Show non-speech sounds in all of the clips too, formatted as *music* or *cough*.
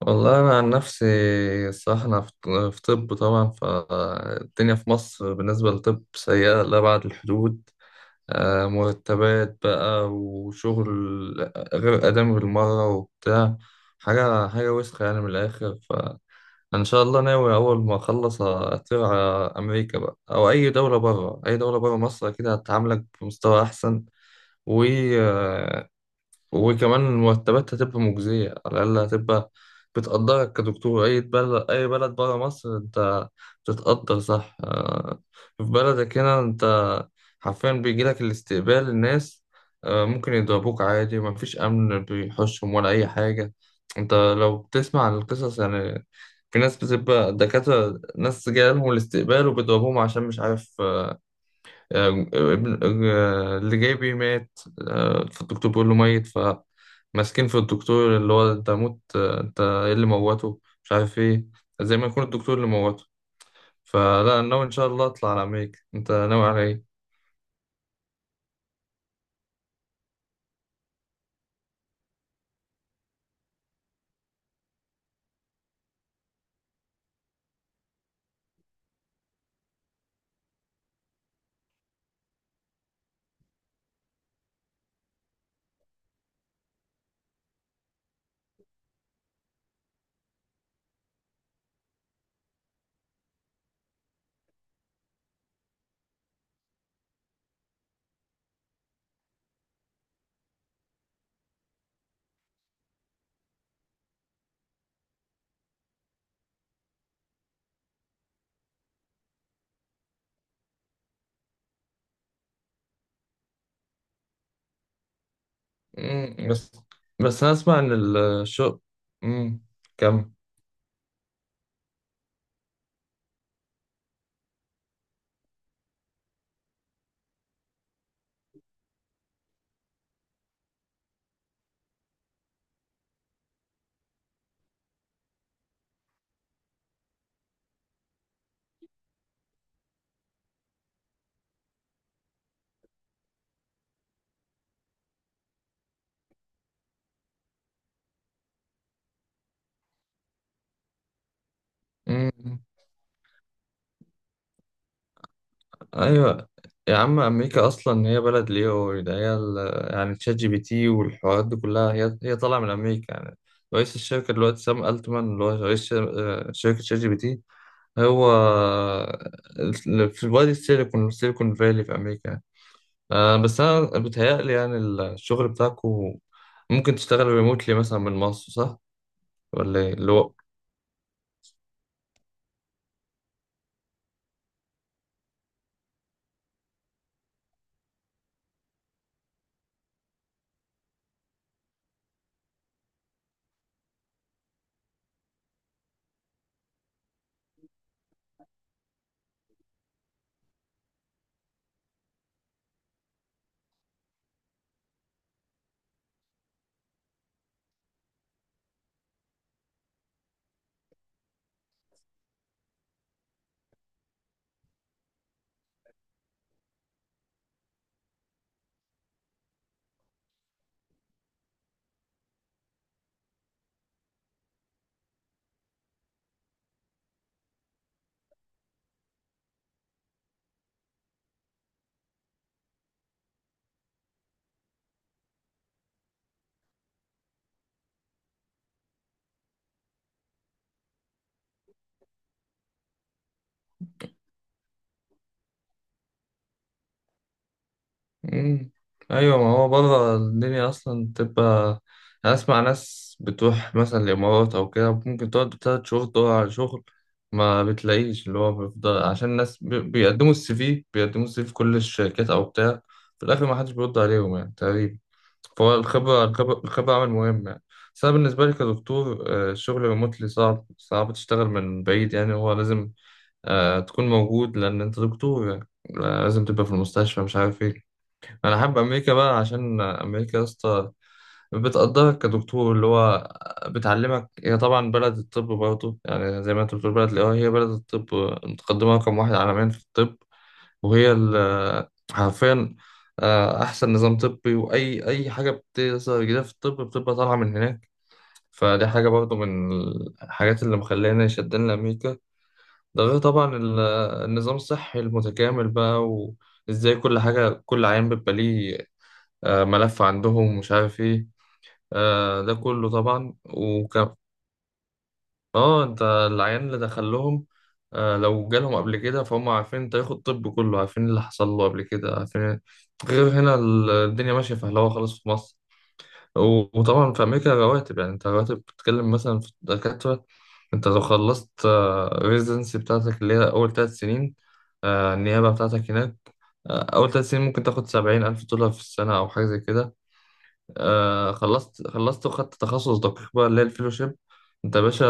والله أنا عن نفسي، الصراحة أنا في طب. طبعا فالدنيا في مصر بالنسبة للطب سيئة لأبعد الحدود. مرتبات بقى وشغل غير آدمي بالمرة وبتاع، حاجة وسخة يعني من الآخر. فإن شاء الله ناوي أول ما أخلص أطير على أمريكا بقى، أو أي دولة بره مصر أكيد هتعاملك بمستوى أحسن. و آه، وكمان المرتبات هتبقى مجزية، على الأقل هتبقى بتقدرك كدكتور. أي بلد برا مصر أنت بتتقدر، صح. في بلدك هنا أنت حرفيا بيجيلك الاستقبال الناس، ممكن يضربوك عادي، ومفيش أمن بيحوشهم ولا أي حاجة. أنت لو بتسمع عن القصص يعني، في ناس بتبقى دكاترة، ناس جالهم الاستقبال وبيضربوهم عشان مش عارف آه، ابن اللي جاي بيه مات. فالدكتور بيقول له ميت، فماسكين في الدكتور اللي هو انت موت، انت ايه اللي موته، مش عارف ايه، زي ما يكون الدكتور اللي موته. فلا، أنا ناوي ان شاء الله اطلع على امريكا. انت ناوي على ايه؟ مم، بس بس انا اسمع ان الشغل امم كم. ايوه يا عم، امريكا اصلا هي بلد ليو ده. هي يعني تشات جي بي تي والحوارات دي كلها هي هي طالعه من امريكا يعني. رئيس الشركه دلوقتي سام التمان اللي هو رئيس شركه شات جي بي تي، هو في وادي السيليكون فالي، في امريكا يعني. بس انا بتهيألي يعني الشغل بتاعكم ممكن تشتغل ريموتلي مثلا من مصر، صح ولا إيه؟ اللي هو، مم. ايوه، ما هو بره الدنيا اصلا تبقى. أنا اسمع ناس بتروح مثلا الامارات او كده، ممكن تقعد 3 شهور تدور على شغل ما بتلاقيش. اللي هو بيفضل عشان الناس بيقدموا السي في، بيقدموا السي في في كل الشركات او بتاع، في الاخر ما حدش بيرد عليهم يعني تقريبا. فهو الخبرة، الخبرة، الخبرة عامل مهم يعني. بس أنا بالنسبة لي كدكتور، الشغل ريموتلي صعب، صعب تشتغل من بعيد يعني. هو لازم تكون موجود، لأن أنت دكتور، يعني لازم تبقى في المستشفى، مش عارف إيه. انا حابب امريكا بقى عشان امريكا يا اسطى بتقدرك كدكتور، اللي هو بتعلمك. هي طبعا بلد الطب، برضه يعني زي ما انت بتقول بلد الاي، هي بلد الطب، متقدمه رقم واحد عالميا في الطب. وهي حرفيا احسن نظام طبي. واي اي حاجه بتظهر جديده في الطب بتبقى طالعه من هناك. فدي حاجه برضه من الحاجات اللي مخلاني شدان لامريكا. ده غير طبعا النظام الصحي المتكامل بقى. و... ازاي كل حاجة، كل عيان بيبقى ليه ملف عندهم، مش عارف ايه، ده كله طبعا. وكم اه، انت العيان اللي دخلهم لو جالهم قبل كده فهم عارفين، انت ياخد الطب كله عارفين اللي حصل له قبل كده، عارفين. غير هنا الدنيا ماشية فهلوة خالص في مصر. وطبعا في أمريكا رواتب يعني، انت رواتب بتتكلم مثلا في الدكاترة. انت لو خلصت ريزنسي بتاعتك اللي هي أول 3 سنين، النيابة بتاعتك هناك، أول 3 سنين ممكن تاخد 70,000 دولار في السنة أو حاجة زي كده. خلصت وخدت تخصص دقيق بقى اللي هي الفيلوشيب، انت يا باشا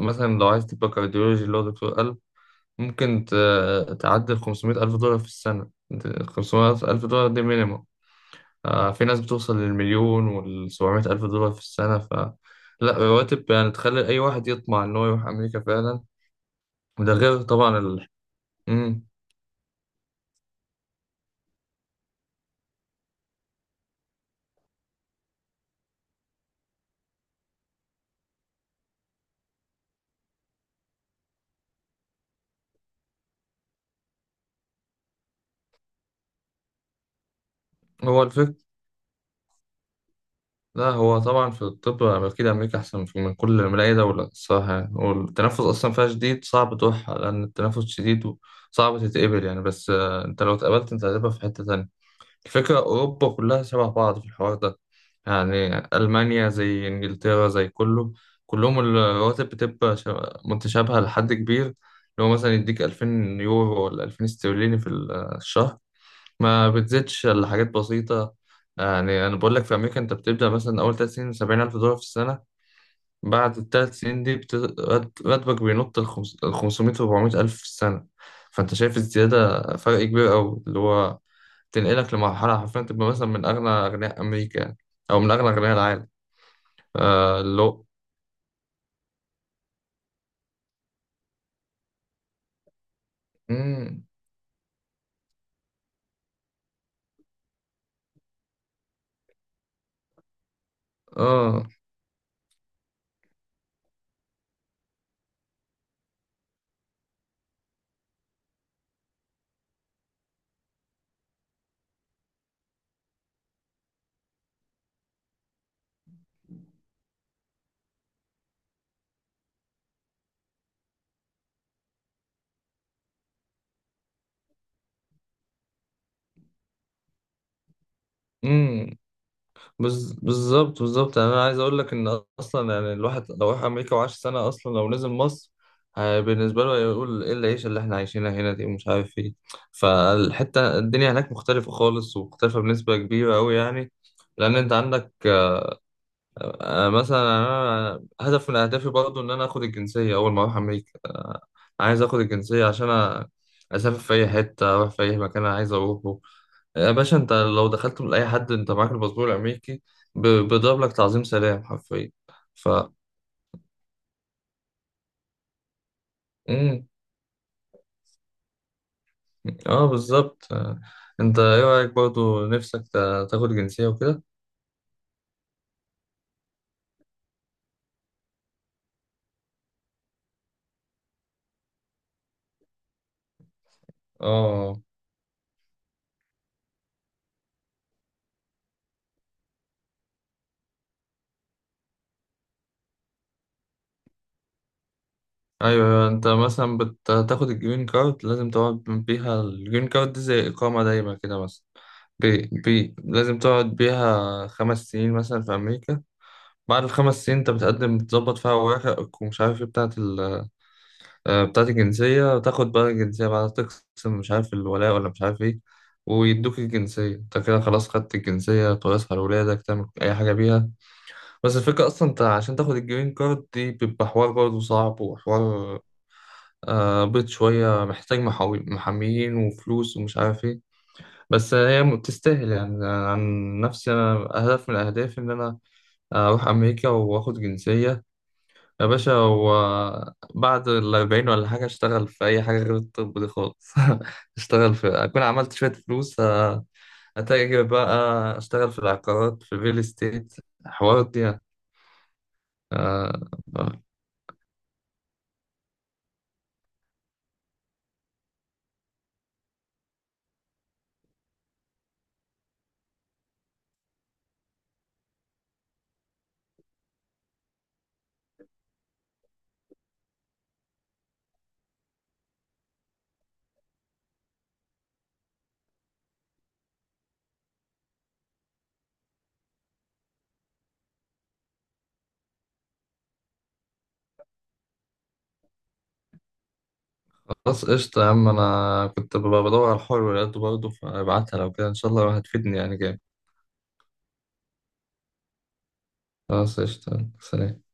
مثلا لو عايز تبقى كارديولوجي اللي هو دكتور قلب، ممكن تعدل 500 ألف دولار في السنة. 500 ألف دولار دي مينيمم. آه في ناس بتوصل للمليون وال700 ألف دولار في السنة. ف لا، رواتب يعني تخلي أي واحد يطمع إن هو يروح أمريكا فعلا. وده غير طبعا ال... مم. هو الفكرة، لا، هو طبعا في الطب أكيد أمريكا أحسن من كل، من أي دولة الصراحة يعني. والتنفس أصلا فيها شديد، صعب تروح لأن التنفس شديد وصعب تتقبل يعني. بس أنت لو اتقبلت أنت هتبقى في حتة تانية. الفكرة أوروبا كلها شبه بعض في الحوار ده، يعني ألمانيا زي إنجلترا زي كله. كلهم الرواتب بتبقى متشابهة لحد كبير. لو مثلا يديك 2000 يورو ولا 2000 استرليني في الشهر، ما بتزيدش الا حاجات بسيطة. يعني أنا بقول لك في أمريكا أنت بتبدأ مثلا أول 3 سنين 70,000 دولار في السنة. بعد الـ3 سنين دي راتبك بينط لخمسمية وأربعمية ألف في السنة. فأنت شايف الزيادة، فرق كبير أوي اللي هو تنقلك لمرحلة حرفيا تبقى مثلا من أغنى أغنياء أمريكا يعني، أو من أغنى أغنياء العالم. آه، اللي هو، مم، آه، مم. بالظبط، بالظبط يعني انا عايز اقول لك ان اصلا يعني الواحد لو راح امريكا وعاش سنه اصلا، لو نزل مصر بالنسبه له هيقول، ايه العيشه اللي احنا عايشينها هنا دي ومش عارف ايه. فالحته الدنيا هناك مختلفه خالص، ومختلفه بنسبه كبيره قوي يعني. لان انت عندك مثلا انا هدف من اهدافي برضو ان انا اخد الجنسيه اول ما اروح امريكا. عايز اخد الجنسيه عشان أ- اسافر في اي حته، اروح في اي مكان انا عايز اروحه. يا باشا انت لو دخلت من اي حد انت معاك الباسبور الامريكي، بيضرب لك تعظيم سلام حرفيا. ف امم اه بالظبط، آه. انت ايه رايك برضو نفسك تاخد جنسيه وكده؟ اه، ايوه، ايوه، انت مثلا بتاخد الجرين كارد، لازم تقعد بيها. الجرين كارد دي زي اقامه دايمه كده مثلا. بي بي لازم تقعد بيها 5 سنين مثلا في امريكا. بعد الـ5 سنين انت بتقدم، بتظبط فيها اوراقك ومش عارف ايه بتاعه بتاعت الجنسية. تاخد بقى الجنسية بعد تقسم مش عارف الولاء ولا مش عارف ايه، ويدوك الجنسية. انت كده خلاص خدت الجنسية، تورثها لولادك، تعمل أي حاجة بيها. بس الفكرة أصلا انت عشان تاخد الجرين كارد دي بيبقى حوار برضه صعب، وحوار بيض شوية، محتاج محاميين وفلوس ومش عارف ايه. بس هي تستاهل يعني. عن نفسي أنا هدف من أهدافي إن أنا أروح أمريكا وآخد جنسية. يا باشا هو بعد الـ40 ولا حاجة أشتغل في أي حاجة غير الطب دي خالص. *laughs* أشتغل في، أكون عملت شوية فلوس، أتاجر بقى، أشتغل في العقارات، في الريل استيت، حوارات دي يعني. آه، خلاص قشطة يا عم، أنا كنت ببقى بدور على الحر ولقيته برضه، فبعتها لو كده إن شاء الله هتفيدني يعني جامد. خلاص قشطة. سلام.